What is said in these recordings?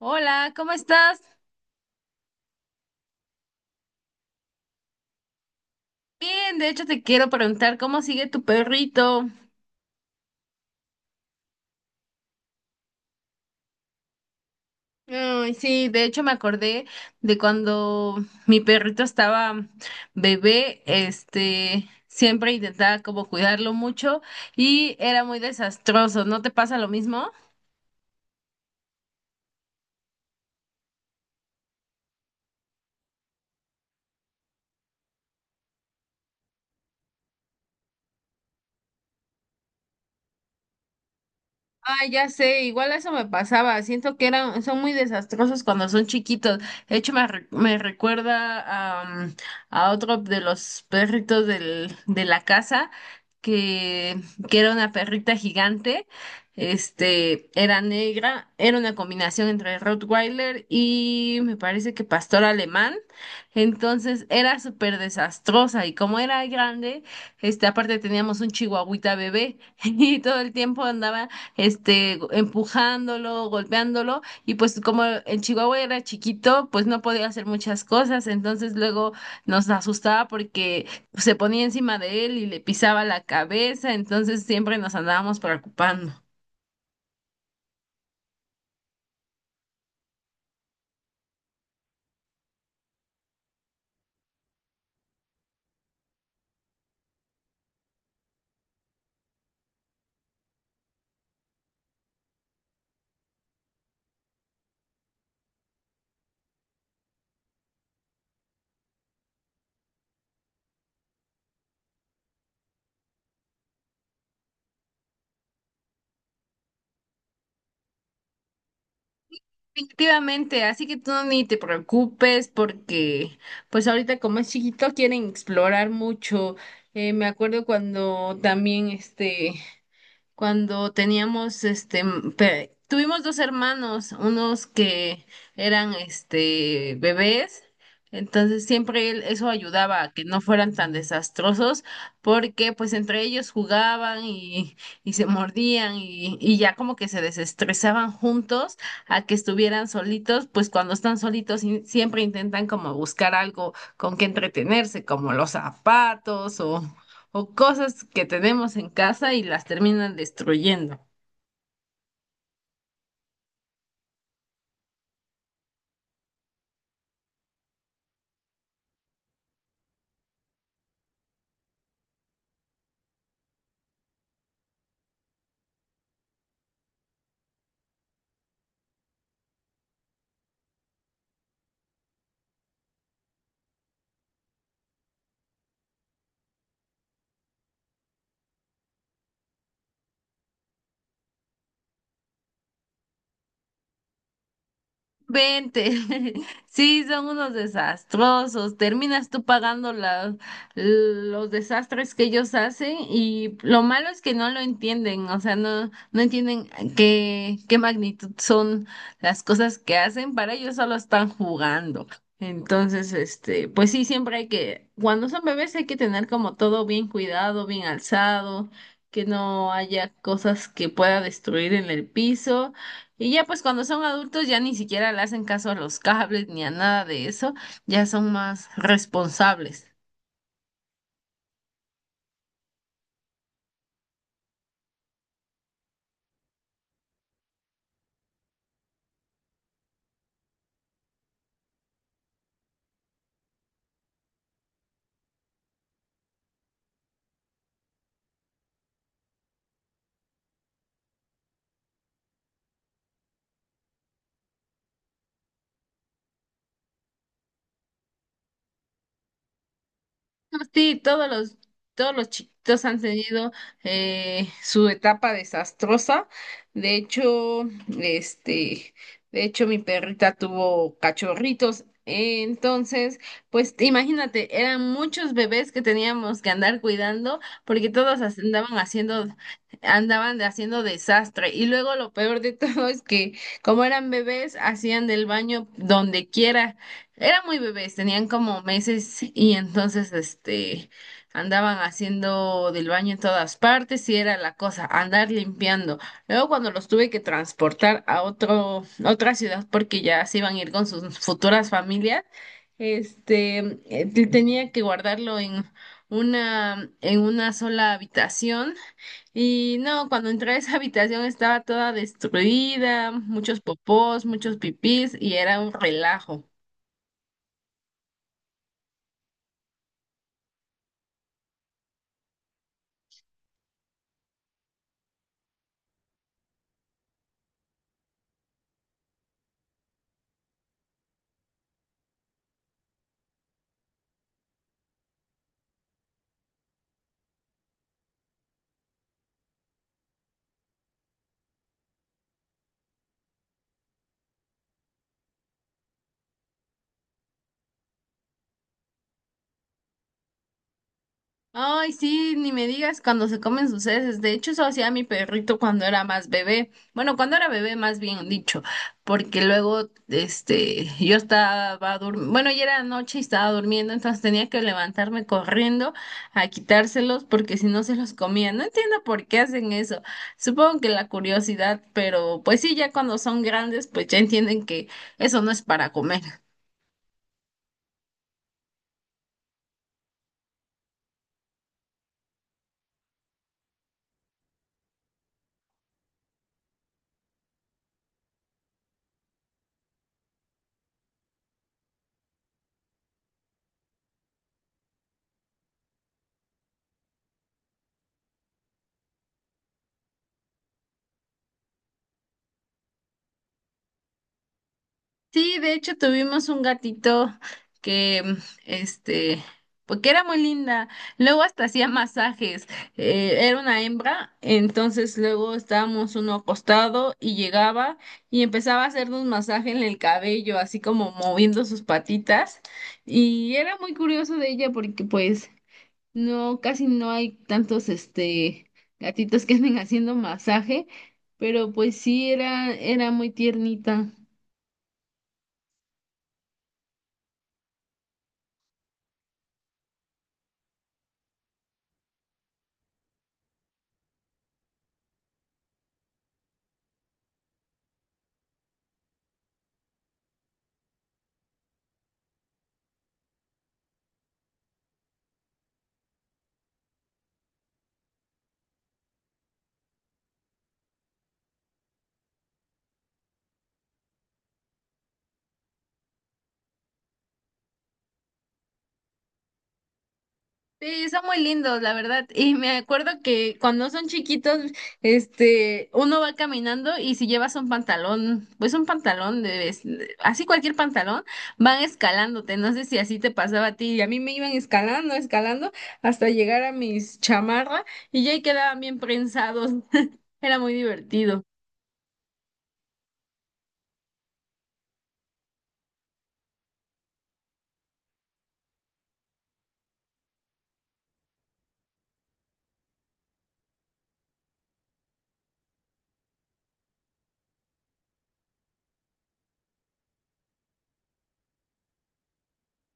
Hola, ¿cómo estás? Bien, de hecho te quiero preguntar cómo sigue tu perrito. Ay, sí, de hecho me acordé de cuando mi perrito estaba bebé, siempre intentaba como cuidarlo mucho y era muy desastroso. ¿No te pasa lo mismo? Ah, ya sé, igual eso me pasaba. Siento que son muy desastrosos cuando son chiquitos. De hecho, me recuerda a a otro de los perritos de la casa, que, que era una perrita gigante. Era negra, era una combinación entre Rottweiler y me parece que pastor alemán. Entonces era súper desastrosa y como era grande, aparte teníamos un chihuahuita bebé y todo el tiempo andaba empujándolo, golpeándolo, y pues como en Chihuahua era chiquito, pues no podía hacer muchas cosas, entonces luego nos asustaba porque se ponía encima de él y le pisaba la cabeza, entonces siempre nos andábamos preocupando. Definitivamente, así que tú ni te preocupes porque pues ahorita como es chiquito quieren explorar mucho. Me acuerdo cuando también cuando tuvimos dos hermanos, unos que eran bebés, entonces siempre eso ayudaba a que no fueran tan desastrosos, porque pues entre ellos jugaban y se mordían y ya como que se desestresaban juntos a que estuvieran solitos, pues cuando están solitos siempre intentan como buscar algo con que entretenerse, como los zapatos o cosas que tenemos en casa y las terminan destruyendo. Vente, sí, son unos desastrosos. Terminas tú pagando los desastres que ellos hacen y lo malo es que no lo entienden, o sea, no entienden qué magnitud son las cosas que hacen. Para ellos solo están jugando. Entonces, pues sí, siempre hay que, cuando son bebés hay que tener como todo bien cuidado, bien alzado, que no haya cosas que pueda destruir en el piso. Y ya pues cuando son adultos ya ni siquiera le hacen caso a los cables ni a nada de eso, ya son más responsables. No, Sí, todos los chiquitos han tenido su etapa desastrosa. De hecho, este, de hecho, mi perrita tuvo cachorritos. Entonces, pues imagínate, eran muchos bebés que teníamos que andar cuidando porque todos as- andaban haciendo, andaban haciendo desastre. Y luego lo peor de todo es que como eran bebés, hacían del baño donde quiera. Eran muy bebés, tenían como meses y entonces andaban haciendo del baño en todas partes y era la cosa, andar limpiando. Luego cuando los tuve que transportar a otra ciudad porque ya se iban a ir con sus futuras familias, este tenía que guardarlo en en una sola habitación. Y no, cuando entré a esa habitación estaba toda destruida, muchos popós, muchos pipís y era un relajo. Ay, sí, ni me digas cuando se comen sus heces. De hecho, eso hacía mi perrito cuando era más bebé. Bueno, cuando era bebé, más bien dicho, porque luego, yo estaba durmiendo, bueno, ya era noche y estaba durmiendo, entonces tenía que levantarme corriendo a quitárselos porque si no se los comía. No entiendo por qué hacen eso. Supongo que la curiosidad, pero pues sí, ya cuando son grandes, pues ya entienden que eso no es para comer. Sí, de hecho tuvimos un gatito que, mm, este, porque era muy linda. Luego hasta hacía masajes. Era una hembra, entonces luego estábamos uno acostado y llegaba y empezaba a hacernos masaje en el cabello, así como moviendo sus patitas. Y era muy curioso de ella porque, pues, no, casi no hay tantos, gatitos que anden haciendo masaje, pero pues sí era muy tiernita. Sí, son muy lindos, la verdad. Y me acuerdo que cuando son chiquitos, uno va caminando y si llevas un pantalón, pues un así cualquier pantalón, van escalándote. No sé si así te pasaba a ti. Y a mí me iban escalando, hasta llegar a mis chamarra y ya ahí quedaban bien prensados. Era muy divertido.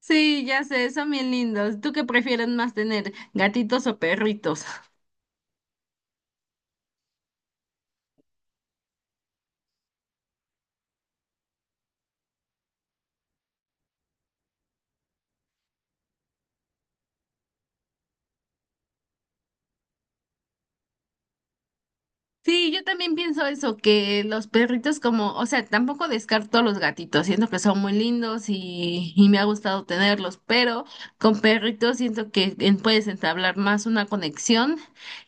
Sí, ya sé, son bien lindos. ¿Tú qué prefieres más tener, gatitos o perritos? Sí, yo también pienso eso, que los perritos como, o sea, tampoco descarto a los gatitos, siento que son muy lindos y me ha gustado tenerlos, pero con perritos siento que puedes entablar más una conexión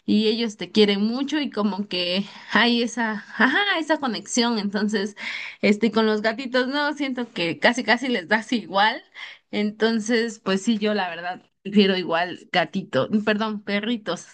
y ellos te quieren mucho y como que hay esa, ajá, esa conexión, entonces, con los gatitos no, siento que casi casi les das igual, entonces, pues sí, yo la verdad prefiero igual gatito, perdón, perritos.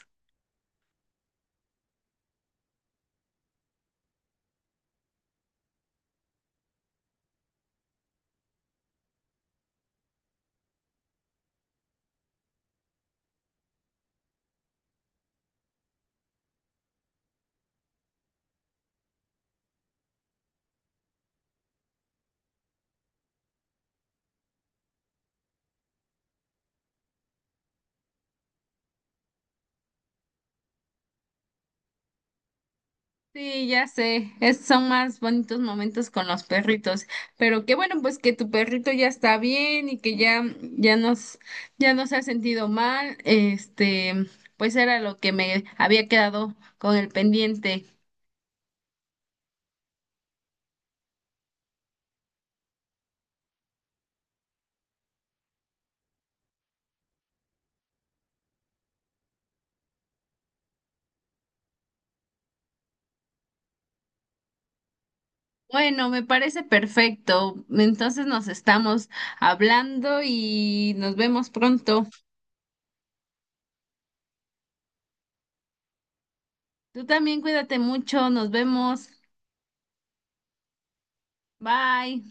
Sí, ya sé, son más bonitos momentos con los perritos, pero qué bueno pues que tu perrito ya está bien y que ya no se ha sentido mal, pues era lo que me había quedado con el pendiente. Bueno, me parece perfecto. Entonces nos estamos hablando y nos vemos pronto. Tú también cuídate mucho, nos vemos. Bye.